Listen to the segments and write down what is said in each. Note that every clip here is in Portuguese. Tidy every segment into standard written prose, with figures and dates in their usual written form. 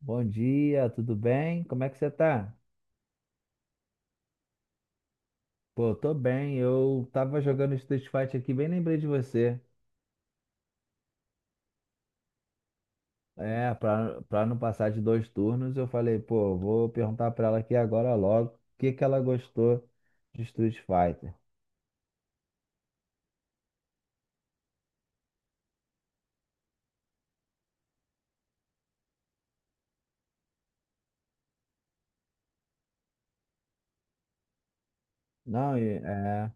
Bom dia, tudo bem? Como é que você tá? Pô, eu tô bem. Eu tava jogando Street Fighter aqui, bem lembrei de você. É, pra não passar de dois turnos, eu falei, pô, vou perguntar pra ela aqui agora logo o que que ela gostou de Street Fighter. Não, e, é,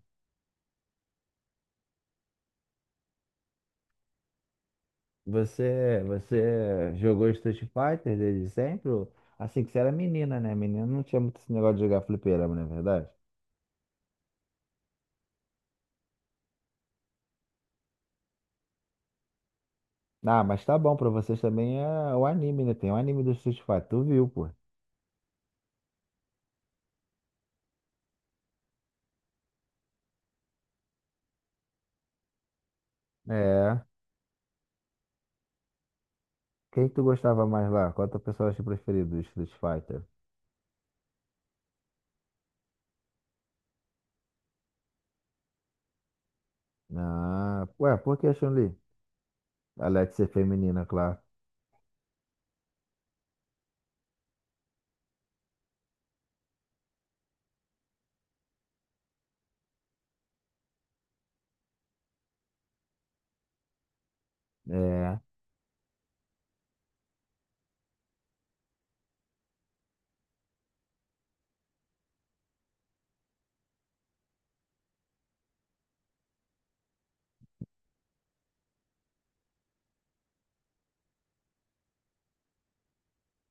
Você jogou Street Fighter desde sempre? Assim que você era menina, né? Menina não tinha muito esse negócio de jogar fliperama, não é verdade? Ah, mas tá bom, pra vocês também é o anime, né? Tem o anime do Street Fighter, tu viu, pô. É. Quem que tu gostava mais lá? Qual é o teu personagem preferido do Street Fighter? Ah, ué, por que a Chun-Li? Além de ser feminina, claro. É,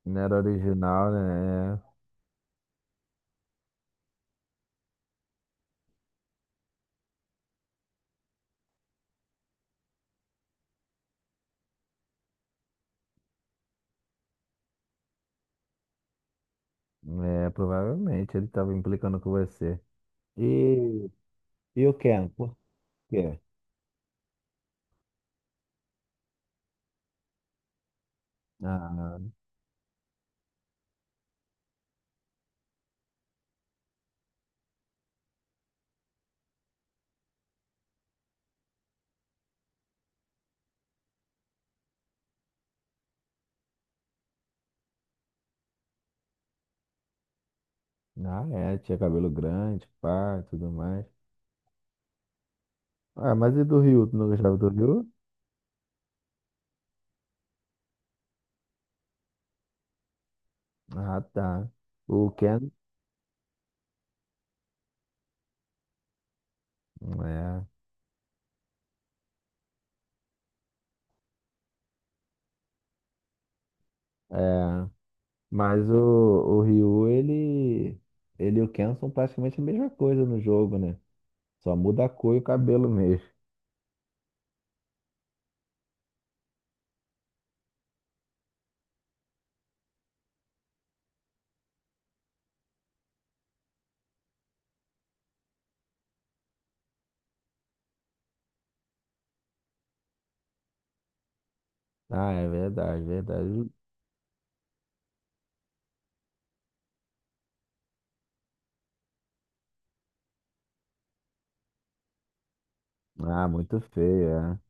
não era original, né? É, é, provavelmente ele tava implicando com você. E, e o Ken, por quê? Ah, ah, é, tinha cabelo grande, pá, e tudo mais. Ah, mas e do Ryu? Tu não gostava do Ryu? Ah, tá. O Ken? É, é. Mas o Ryu, ele e o Ken são praticamente a mesma coisa no jogo, né? Só muda a cor e o cabelo mesmo. Ah, é verdade, verdade. Ah, muito feio, é.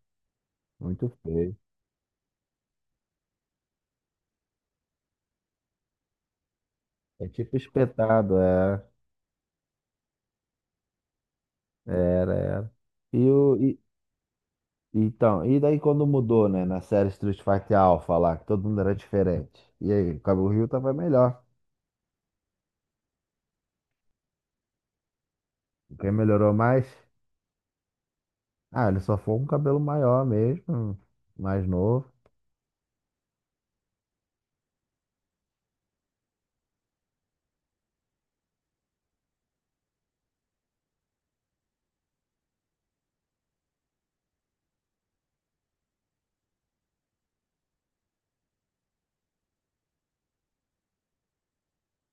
Muito feio. É tipo espetado, é. Era, era. E o. E, então, e daí quando mudou, né? Na série Street Fighter Alpha lá, que todo mundo era diferente. E aí, o cabelo Rio tava melhor. Quem melhorou mais? Ah, ele só foi um cabelo maior mesmo, mais novo.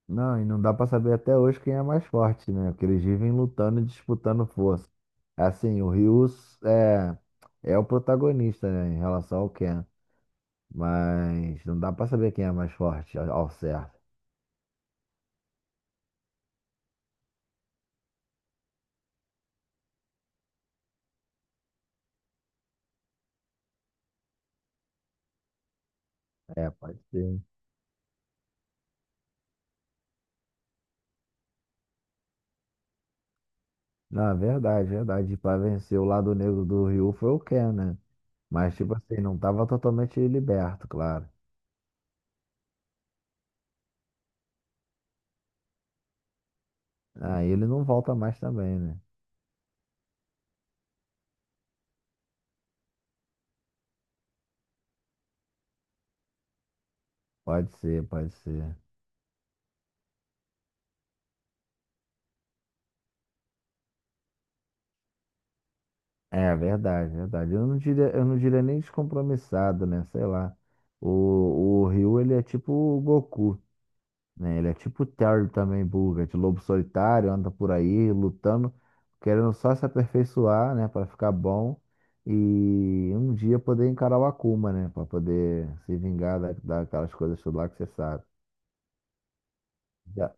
Não, e não dá pra saber até hoje quem é mais forte, né? Porque eles vivem lutando e disputando força. Assim, o Ryu é, é o protagonista, né, em relação ao Ken. Mas não dá pra saber quem é mais forte ao certo. É, pode ser. Não, é verdade, verdade. E pra vencer o lado negro do Ryu foi o Ken, né? Mas, tipo assim, não tava totalmente liberto, claro. Aí ele não volta mais também, né? Pode ser, pode ser. É verdade, verdade. Eu não diria nem descompromissado, né? Sei lá. O, o Ryu, ele é tipo o Goku, né? Ele é tipo o Terry também, Buga, de lobo solitário, anda por aí lutando, querendo só se aperfeiçoar, né? Pra ficar bom e um dia poder encarar o Akuma, né? Pra poder se vingar daquelas coisas tudo lá que você sabe. Já-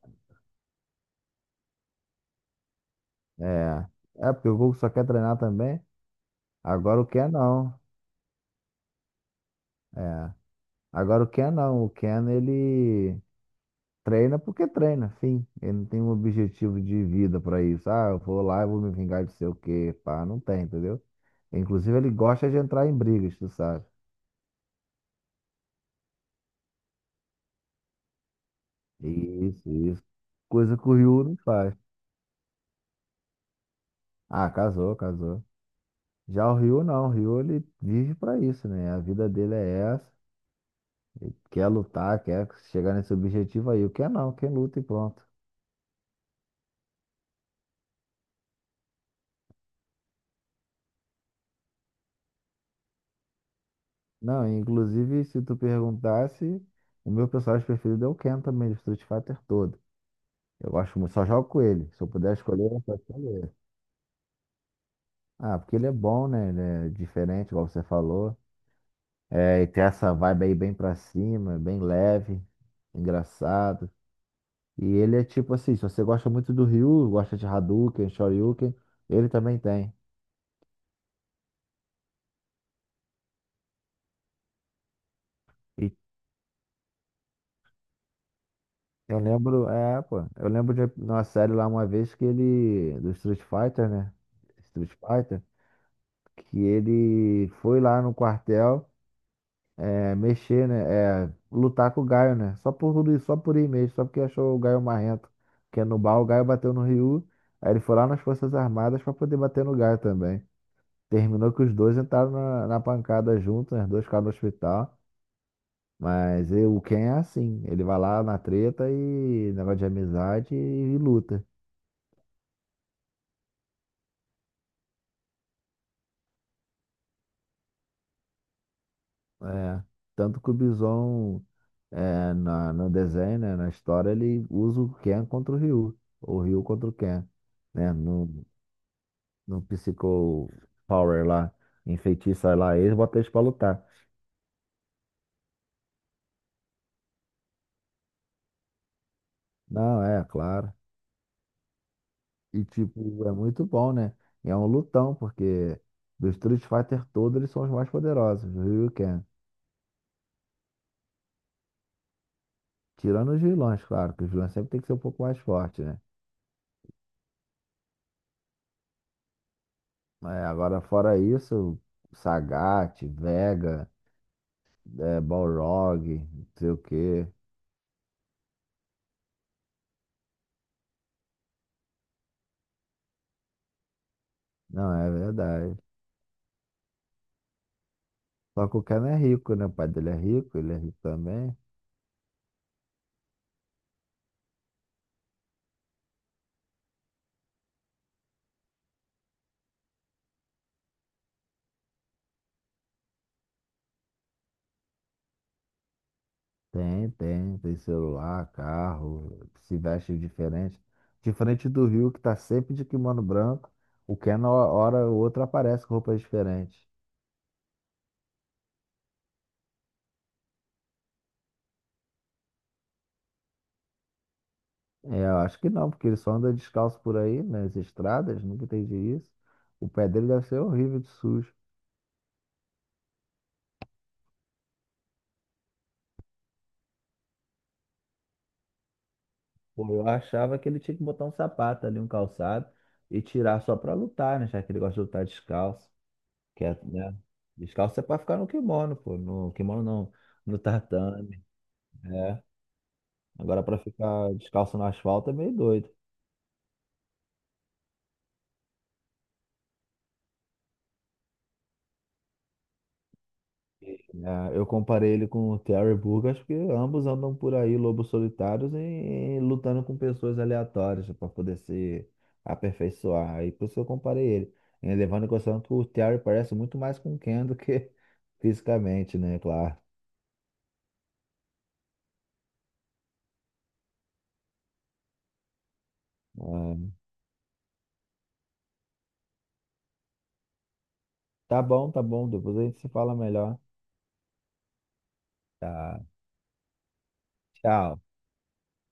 é, é porque o Goku só quer treinar também. Agora o Ken não. É. Agora o Ken não. O Ken, ele. Treina porque treina, fim. Ele não tem um objetivo de vida pra isso. Ah, eu vou lá e vou me vingar de sei o quê, pá, não tem, entendeu? Inclusive, ele gosta de entrar em brigas, tu sabe? Isso, isso. Coisa que o Ryu não faz. Ah, casou, casou. Já o Ryu não, o Ryu ele vive pra isso, né? A vida dele é essa. Ele quer lutar, quer chegar nesse objetivo aí. O que é não, quem luta e pronto. Não, inclusive, se tu perguntasse, o meu personagem preferido é o Ken também, do Street Fighter todo. Eu gosto muito, só jogo com ele. Se eu puder escolher, eu só escolher. Ele. Ah, porque ele é bom, né? Ele é diferente, igual você falou. É, e tem essa vibe aí bem pra cima, bem leve, engraçado. E ele é tipo assim, se você gosta muito do Ryu, gosta de Hadouken, Shoryuken, ele também tem. E eu lembro, é, pô, eu lembro de uma série lá uma vez que ele, do Street Fighter, né? Street Fighter, que ele foi lá no quartel. É, mexer, né? É, lutar com o Gaio, né? Só por tudo isso, só por ir mesmo, só porque achou o Gaio marrento. Porque no bar o Gaio bateu no Ryu, aí ele foi lá nas Forças Armadas pra poder bater no Gaio também. Terminou que os dois entraram na pancada juntos, né? Os dois ficaram no hospital. Mas e o Ken é assim, ele vai lá na treta e negócio de amizade e luta. É, tanto que o Bison no desenho, né? Na história, ele usa o Ken contra o Ryu, ou o Ryu contra o Ken, né? No, no Psycho Power lá, enfeitiça lá eles, bota eles pra lutar. Não, é, claro. E tipo, é muito bom, né? E é um lutão, porque do Street Fighter todos, eles são os mais poderosos, o Ryuken. Tirando os vilões, claro, que os vilões sempre tem que ser um pouco mais forte, né? É, agora, fora isso, Sagat, Vega, é, Balrog, não sei o quê. Não, é verdade. Só que o Ken é rico, né? O pai dele é rico, ele é rico também. Tem, tem, tem celular, carro, se veste diferente. Diferente do Rio, que tá sempre de kimono branco, o Ken, na hora ou outra, aparece com roupas diferentes. É, eu acho que não, porque ele só anda descalço por aí, nas estradas, nunca entendi isso. O pé dele deve ser horrível de sujo. Pô, eu achava que ele tinha que botar um sapato ali, um calçado, e tirar só pra lutar, né? Já que ele gosta de lutar descalço. Que é, né? Descalço é pra ficar no kimono, pô. No kimono não, no tatame. Agora, pra ficar descalço no asfalto é meio doido. É, eu comparei ele com o Terry Burgess, porque ambos andam por aí, lobos solitários, e lutando com pessoas aleatórias para poder se aperfeiçoar. Aí por isso que eu comparei ele. E levando em consideração que o Terry parece muito mais com o Ken do que fisicamente, né? Claro. É, tá bom, tá bom. Depois a gente se fala melhor. Tá. Tchau.